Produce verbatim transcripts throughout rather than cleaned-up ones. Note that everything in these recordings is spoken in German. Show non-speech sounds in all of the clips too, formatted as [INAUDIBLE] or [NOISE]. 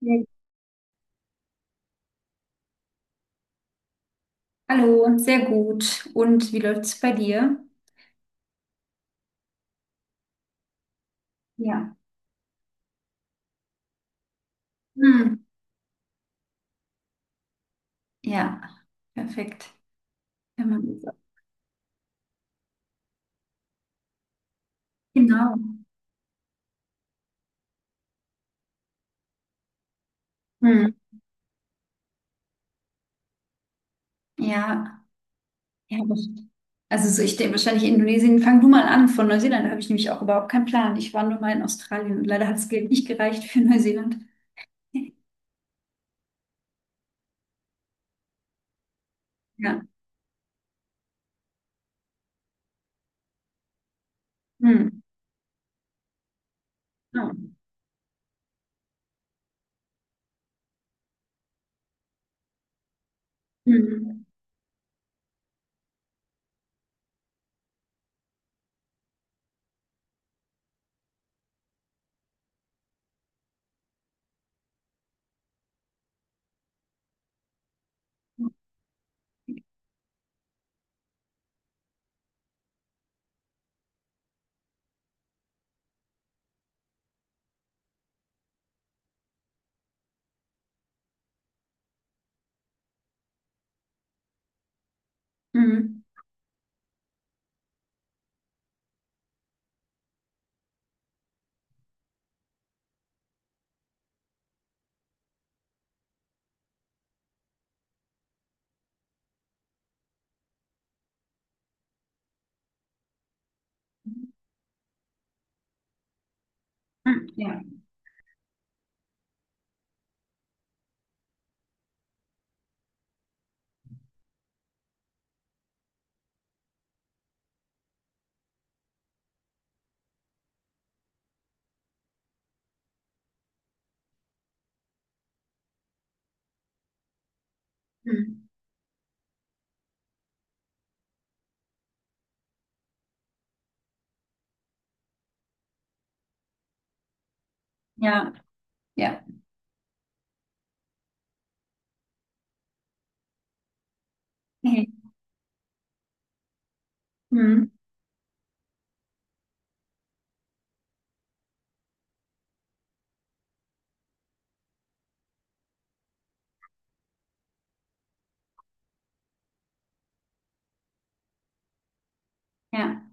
Ja. Hallo, sehr gut. Und wie läuft's bei dir? Ja. Hm. Ja, perfekt. Wenn man. Genau. Hm. Ja, ja, aber. Also so, ich denke wahrscheinlich Indonesien. Fang du mal an. Von Neuseeland habe ich nämlich auch überhaupt keinen Plan. Ich war nur mal in Australien und leider hat das Geld nicht gereicht für Neuseeland. Ja. Hm. Ja. Hm. Hm. Hm. Ja. Hm. Ja. Ja. Hey. Hm. Ja.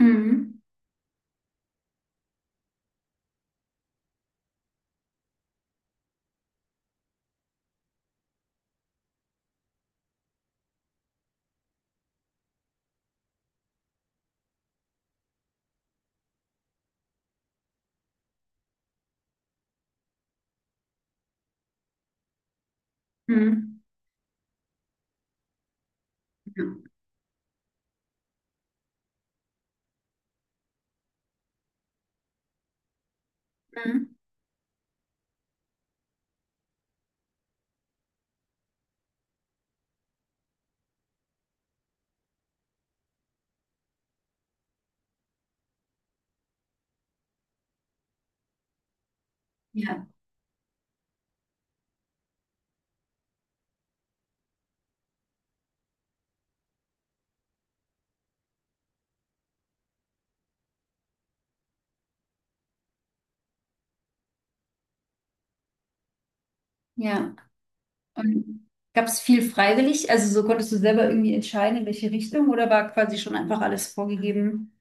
Hm. Hm. Ja. Hm. Ja. Ja. Und gab es viel freiwillig? Also so konntest du selber irgendwie entscheiden, in welche Richtung, oder war quasi schon einfach alles vorgegeben?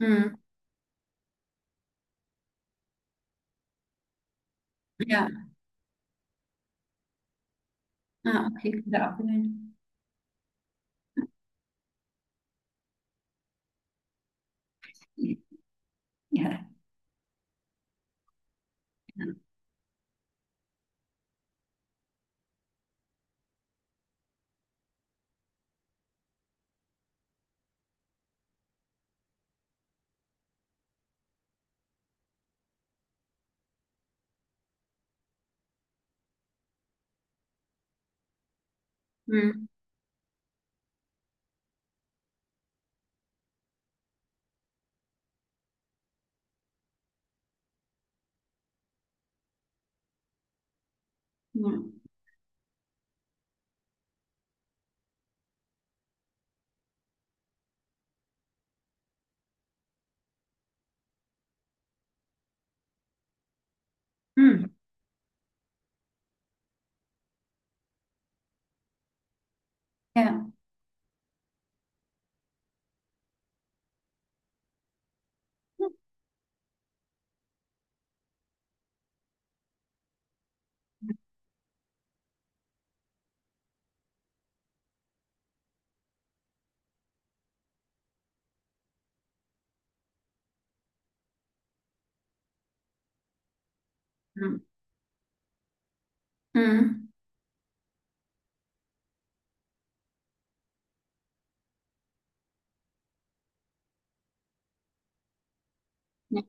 Hm. Ja, ah, okay, wieder abwählen. Ja. Hm. Ja. Hm. Ja. Hm. Hm. Ja.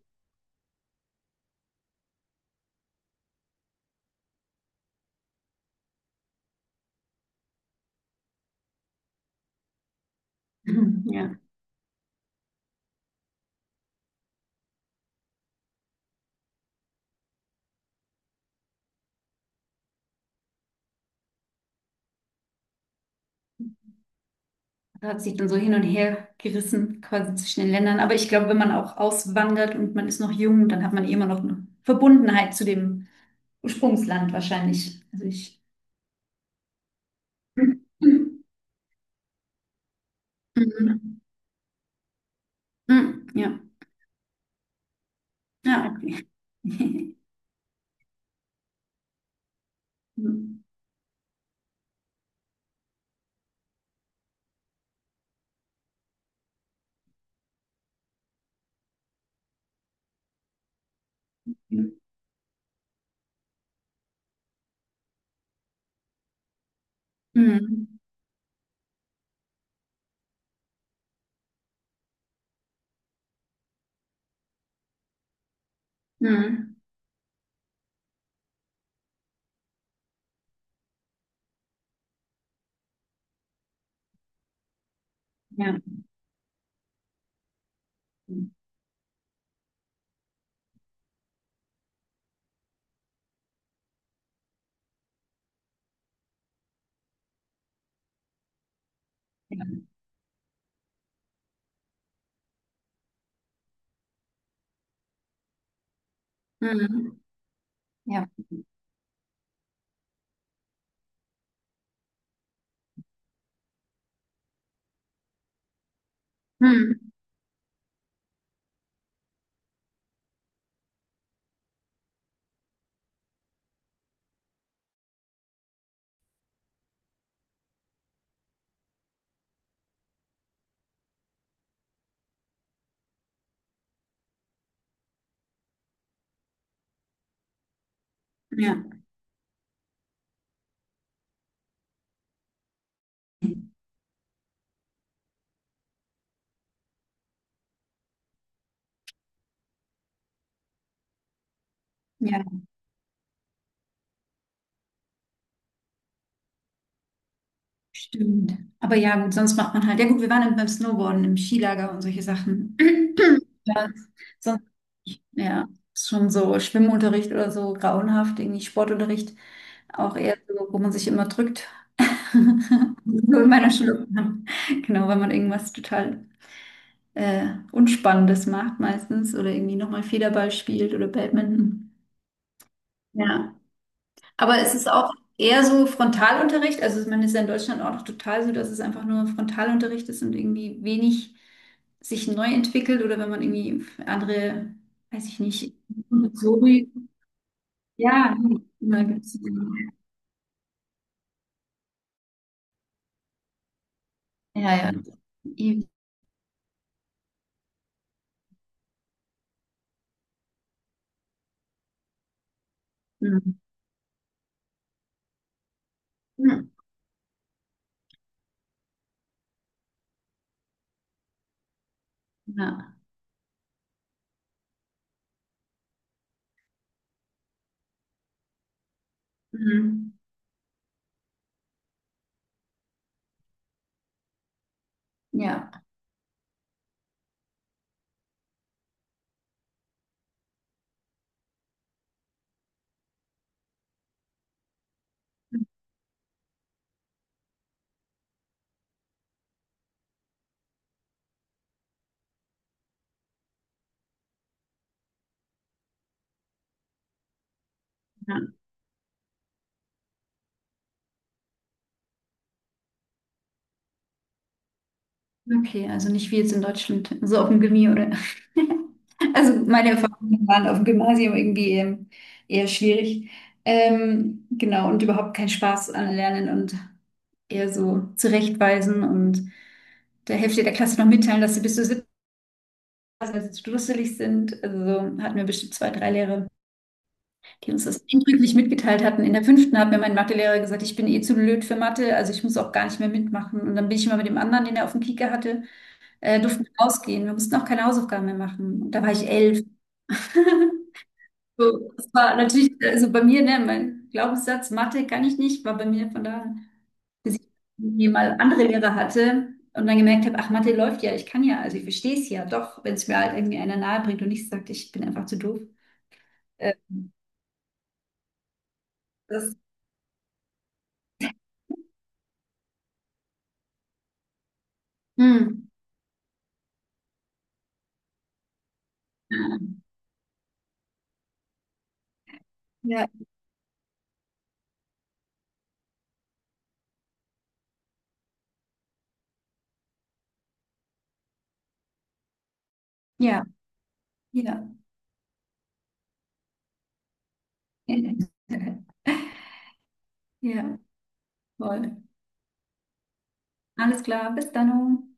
Hm. Ja. Das hat sich dann so hin und her gerissen, quasi zwischen den Ländern. Aber ich glaube, wenn man auch auswandert und man ist noch jung, dann hat man eh immer noch eine Verbundenheit zu dem Ursprungsland wahrscheinlich. Also ich. Mhm. Mhm. Ja. Ja, okay. [LAUGHS] Mhm. Mhm. Mhm. Ja. Ja. Mhm. Ja. Mhm. Ja, ja, stimmt. Aber ja, gut, sonst macht man halt. Ja, gut, wir waren beim Snowboarden im Skilager und solche Sachen. [CLEARS THROAT] Ja, sonst, ja, ist schon so Schwimmunterricht oder so grauenhaft, irgendwie Sportunterricht auch eher so, wo man sich immer drückt. [LAUGHS] So in meiner Schule. Genau, wenn man irgendwas total äh, Unspannendes macht meistens oder irgendwie nochmal Federball spielt oder Badminton. Ja, aber es ist auch eher so Frontalunterricht. Also man ist ja in Deutschland auch noch total so, dass es einfach nur Frontalunterricht ist und irgendwie wenig sich neu entwickelt, oder wenn man irgendwie andere, weiß ich nicht, so wie, ja, immer gibt's, ja, ja. Eben. Mhm. Ja. Mhm. Ja, ja, okay, also nicht wie jetzt in Deutschland, so auf dem Gimmi oder. [LAUGHS] Also meine Erfahrungen waren auf dem Gymnasium irgendwie ähm, eher schwierig. Ähm, genau, und überhaupt keinen Spaß an Lernen und eher so zurechtweisen und der Hälfte der Klasse noch mitteilen, dass sie bis zur siebten Klasse dusselig sind. Also so hatten wir bestimmt zwei, drei Lehrer, die uns das eindrücklich mitgeteilt hatten. In der fünften hat mir mein Mathelehrer gesagt, ich bin eh zu blöd für Mathe, also ich muss auch gar nicht mehr mitmachen. Und dann bin ich immer mit dem anderen, den er auf dem Kieker hatte, äh, durften wir rausgehen. Wir mussten auch keine Hausaufgaben mehr machen. Und da war ich elf. [LAUGHS] So, das war natürlich, also bei mir, ne, mein Glaubenssatz, Mathe kann ich nicht, war bei mir von daher, bis ich irgendwie mal andere Lehrer hatte und dann gemerkt habe, ach, Mathe läuft ja, ich kann ja, also ich verstehe es ja doch, wenn es mir halt irgendwie einer nahe bringt und nicht sagt, ich bin einfach zu doof. Äh, Das, hm. Ja, ja, ja. [LAUGHS] Ja, voll. Alles klar, bis dann.